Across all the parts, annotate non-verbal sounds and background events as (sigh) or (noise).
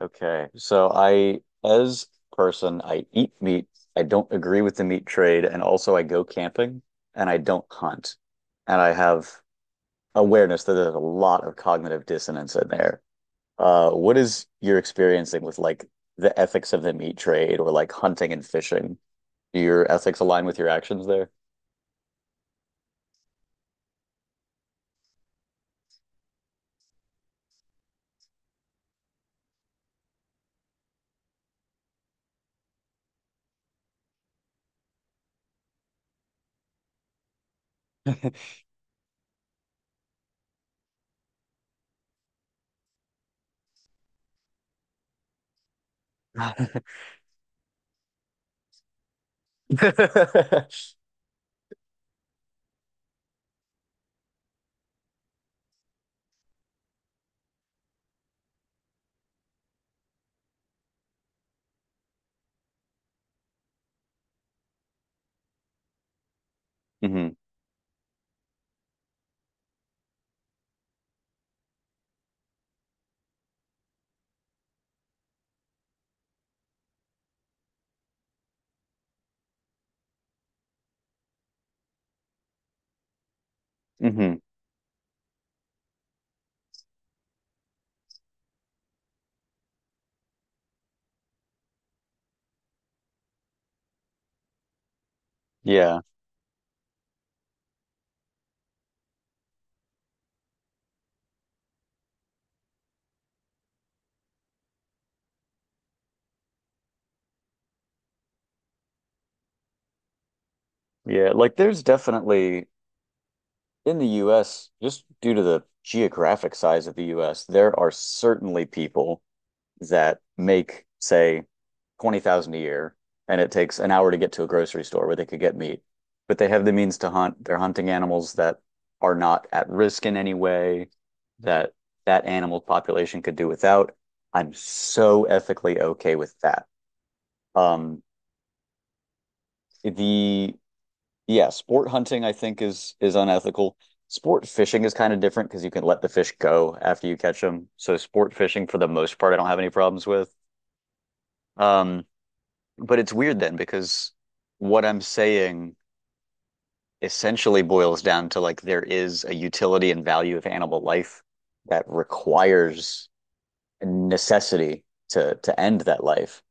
Okay. So I, as a person, I eat meat. I don't agree with the meat trade, and also I go camping and I don't hunt. And I have awareness that there's a lot of cognitive dissonance in there. What is your experiencing with the ethics of the meat trade or like hunting and fishing? Do your ethics align with your actions there? (laughs) hmm hmm Yeah. Yeah. Like there's definitely in the US, just due to the geographic size of the US, there are certainly people that make, say, 20,000 a year, and it takes an hour to get to a grocery store where they could get meat. But they have the means to hunt. They're hunting animals that are not at risk in any way, that that animal population could do without. I'm so ethically okay with that. Um, the Yeah, sport hunting I think is unethical. Sport fishing is kind of different because you can let the fish go after you catch them. So sport fishing for the most part I don't have any problems with. Um, but it's weird then because what I'm saying essentially boils down to like there is a utility and value of animal life that requires a necessity to end that life.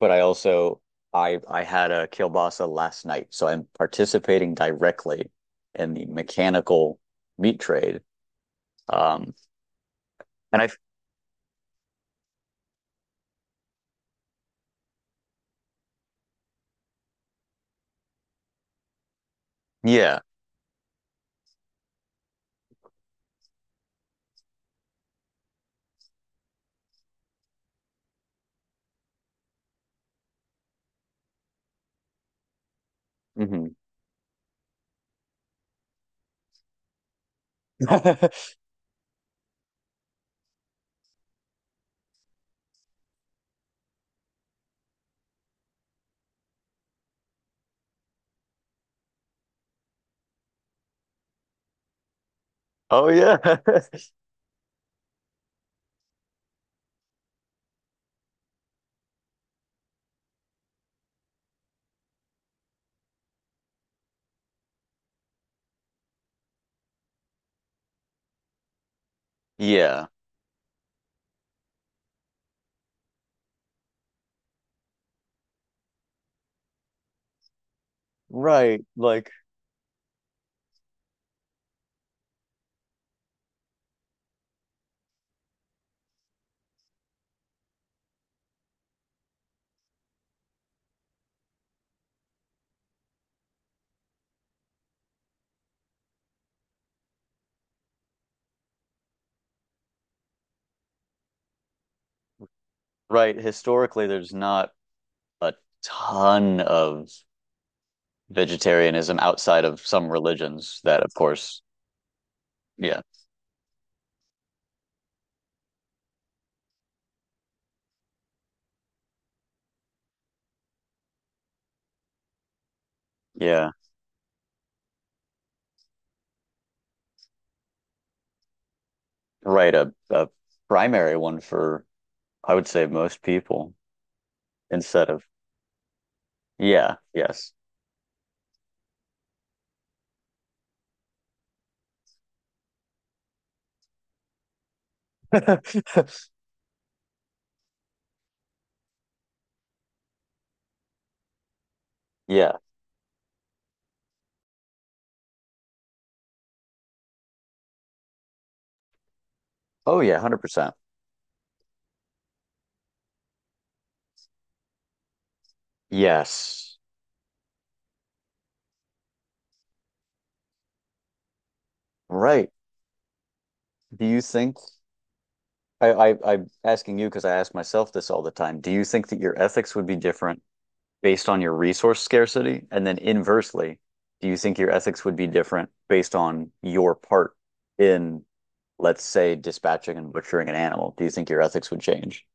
But I also I had a kielbasa last night, so I'm participating directly in the mechanical meat trade. Um, and I Yeah, hmm (laughs) oh yeah, (laughs) yeah, right. Right, historically, there's not a ton of vegetarianism outside of some religions that, of course, yeah, yeah, right. A primary one for I would say most people instead of yeah, yes. (laughs) Yeah. Oh yeah, 100%. Yes. Right. Do you think I'm asking you because I ask myself this all the time. Do you think that your ethics would be different based on your resource scarcity? And then inversely, do you think your ethics would be different based on your part in, let's say, dispatching and butchering an animal? Do you think your ethics would change?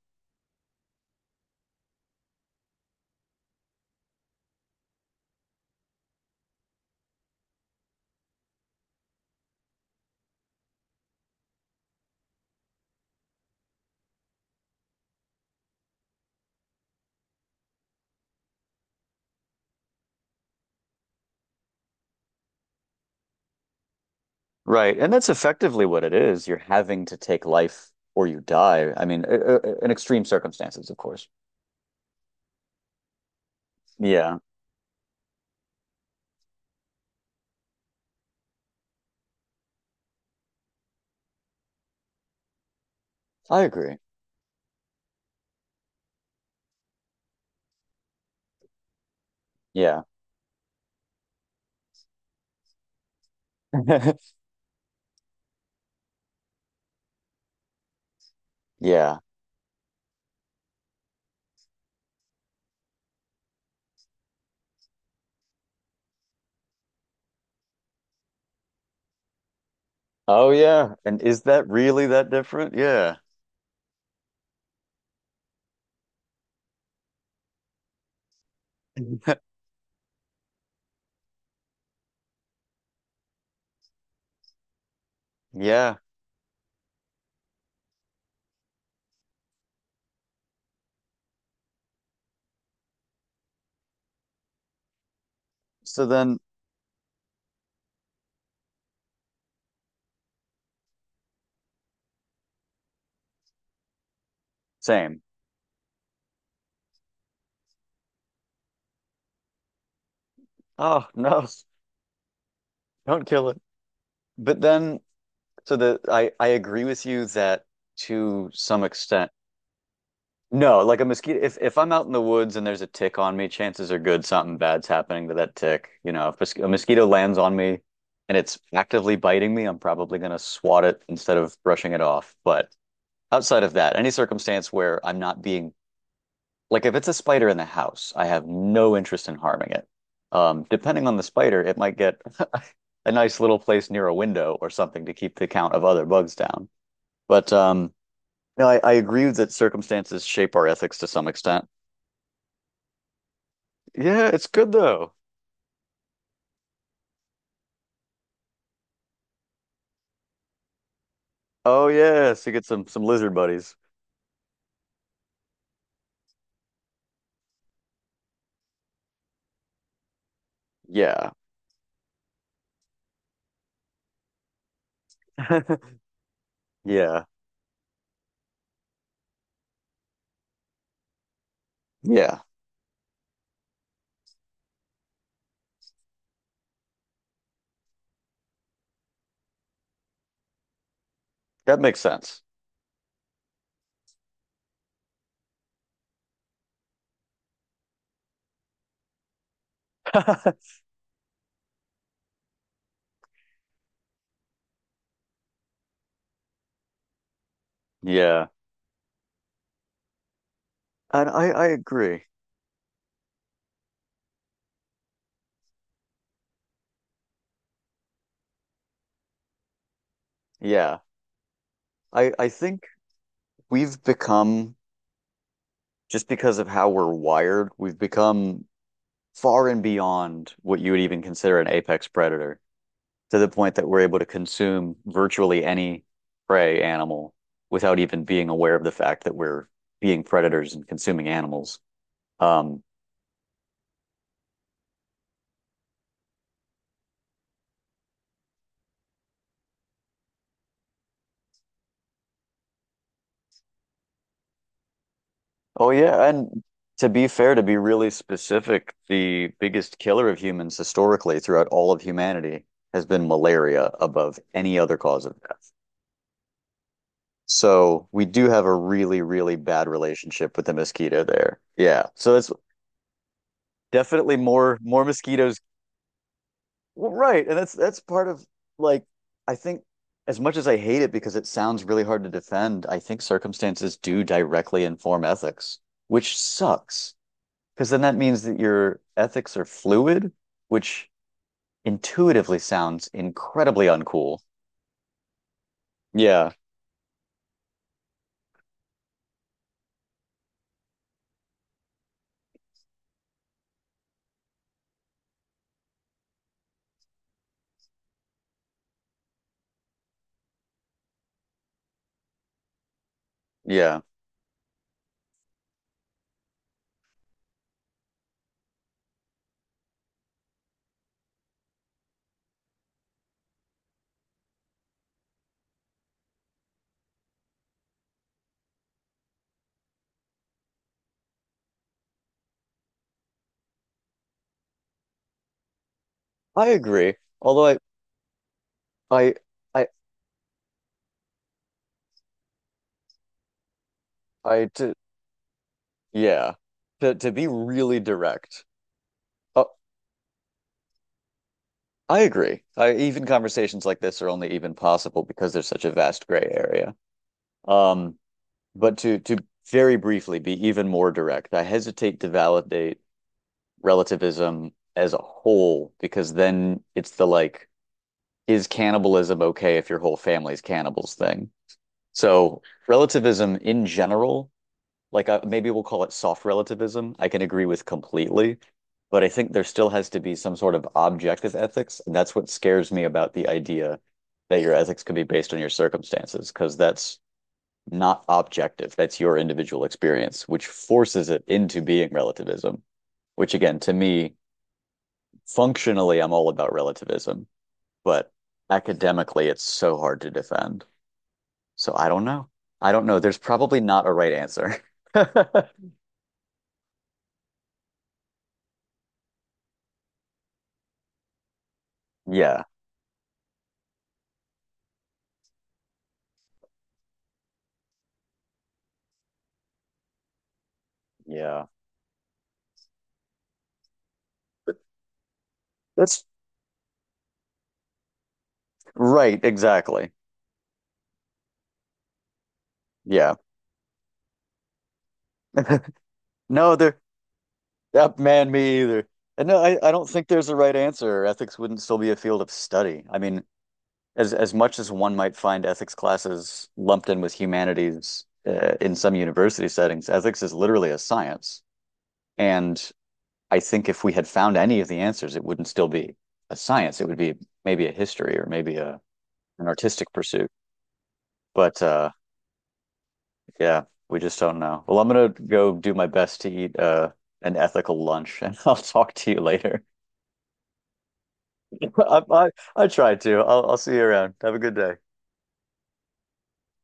Right. And that's effectively what it is. You're having to take life or you die. I mean, in extreme circumstances, of course. Yeah, I agree. Yeah. (laughs) Yeah. Oh, yeah. And is that really that different? Yeah. (laughs) Yeah. So then, same. Oh, (laughs) no. Don't kill it. But then, so the I agree with you that to some extent, no, like a mosquito. If I'm out in the woods and there's a tick on me, chances are good something bad's happening to that tick. You know, if a mosquito lands on me and it's actively biting me, I'm probably gonna swat it instead of brushing it off. But outside of that, any circumstance where I'm not being like if it's a spider in the house, I have no interest in harming it. Depending on the spider, it might get a nice little place near a window or something to keep the count of other bugs down. But No, I agree that circumstances shape our ethics to some extent. Yeah, it's good though. Oh yes, you get some lizard buddies. Yeah, (laughs) yeah, yeah. That makes sense. (laughs) Yeah, and I agree. Yeah, I think we've become just because of how we're wired, we've become far and beyond what you would even consider an apex predator, to the point that we're able to consume virtually any prey animal without even being aware of the fact that we're being predators and consuming animals. Um, oh yeah, and to be fair, to be really specific, the biggest killer of humans historically throughout all of humanity has been malaria above any other cause of death. So we do have a really, really bad relationship with the mosquito there. Yeah. So it's definitely more mosquitoes. Well, right, and that's part of like I think as much as I hate it because it sounds really hard to defend, I think circumstances do directly inform ethics, which sucks because then that means that your ethics are fluid, which intuitively sounds incredibly uncool. Yeah, yeah, I agree. Although I, I, I, to, yeah, to be really direct, uh, I agree. I, even conversations like this are only even possible because there's such a vast gray area. Um, but to very briefly be even more direct, I hesitate to validate relativism as a whole because then it's the like, is cannibalism okay if your whole family's cannibals thing? So relativism in general maybe we'll call it soft relativism, I can agree with completely, but I think there still has to be some sort of objective ethics, and that's what scares me about the idea that your ethics can be based on your circumstances, because that's not objective. That's your individual experience, which forces it into being relativism, which again, to me, functionally, I'm all about relativism, but academically, it's so hard to defend. So I don't know. I don't know. There's probably not a right answer. (laughs) Yeah. Yeah. That's right, exactly. Yeah. (laughs) No, they're that man me either. And no, I don't think there's a right answer. Ethics wouldn't still be a field of study. I mean, as much as one might find ethics classes lumped in with humanities in some university settings, ethics is literally a science. And I think if we had found any of the answers, it wouldn't still be a science. It would be maybe a history or maybe a an artistic pursuit. But Yeah, we just don't know. Well, I'm gonna go do my best to eat an ethical lunch, and (laughs) I'll talk to you later. (laughs) I I, I tried to. I'll see you around. Have a good day.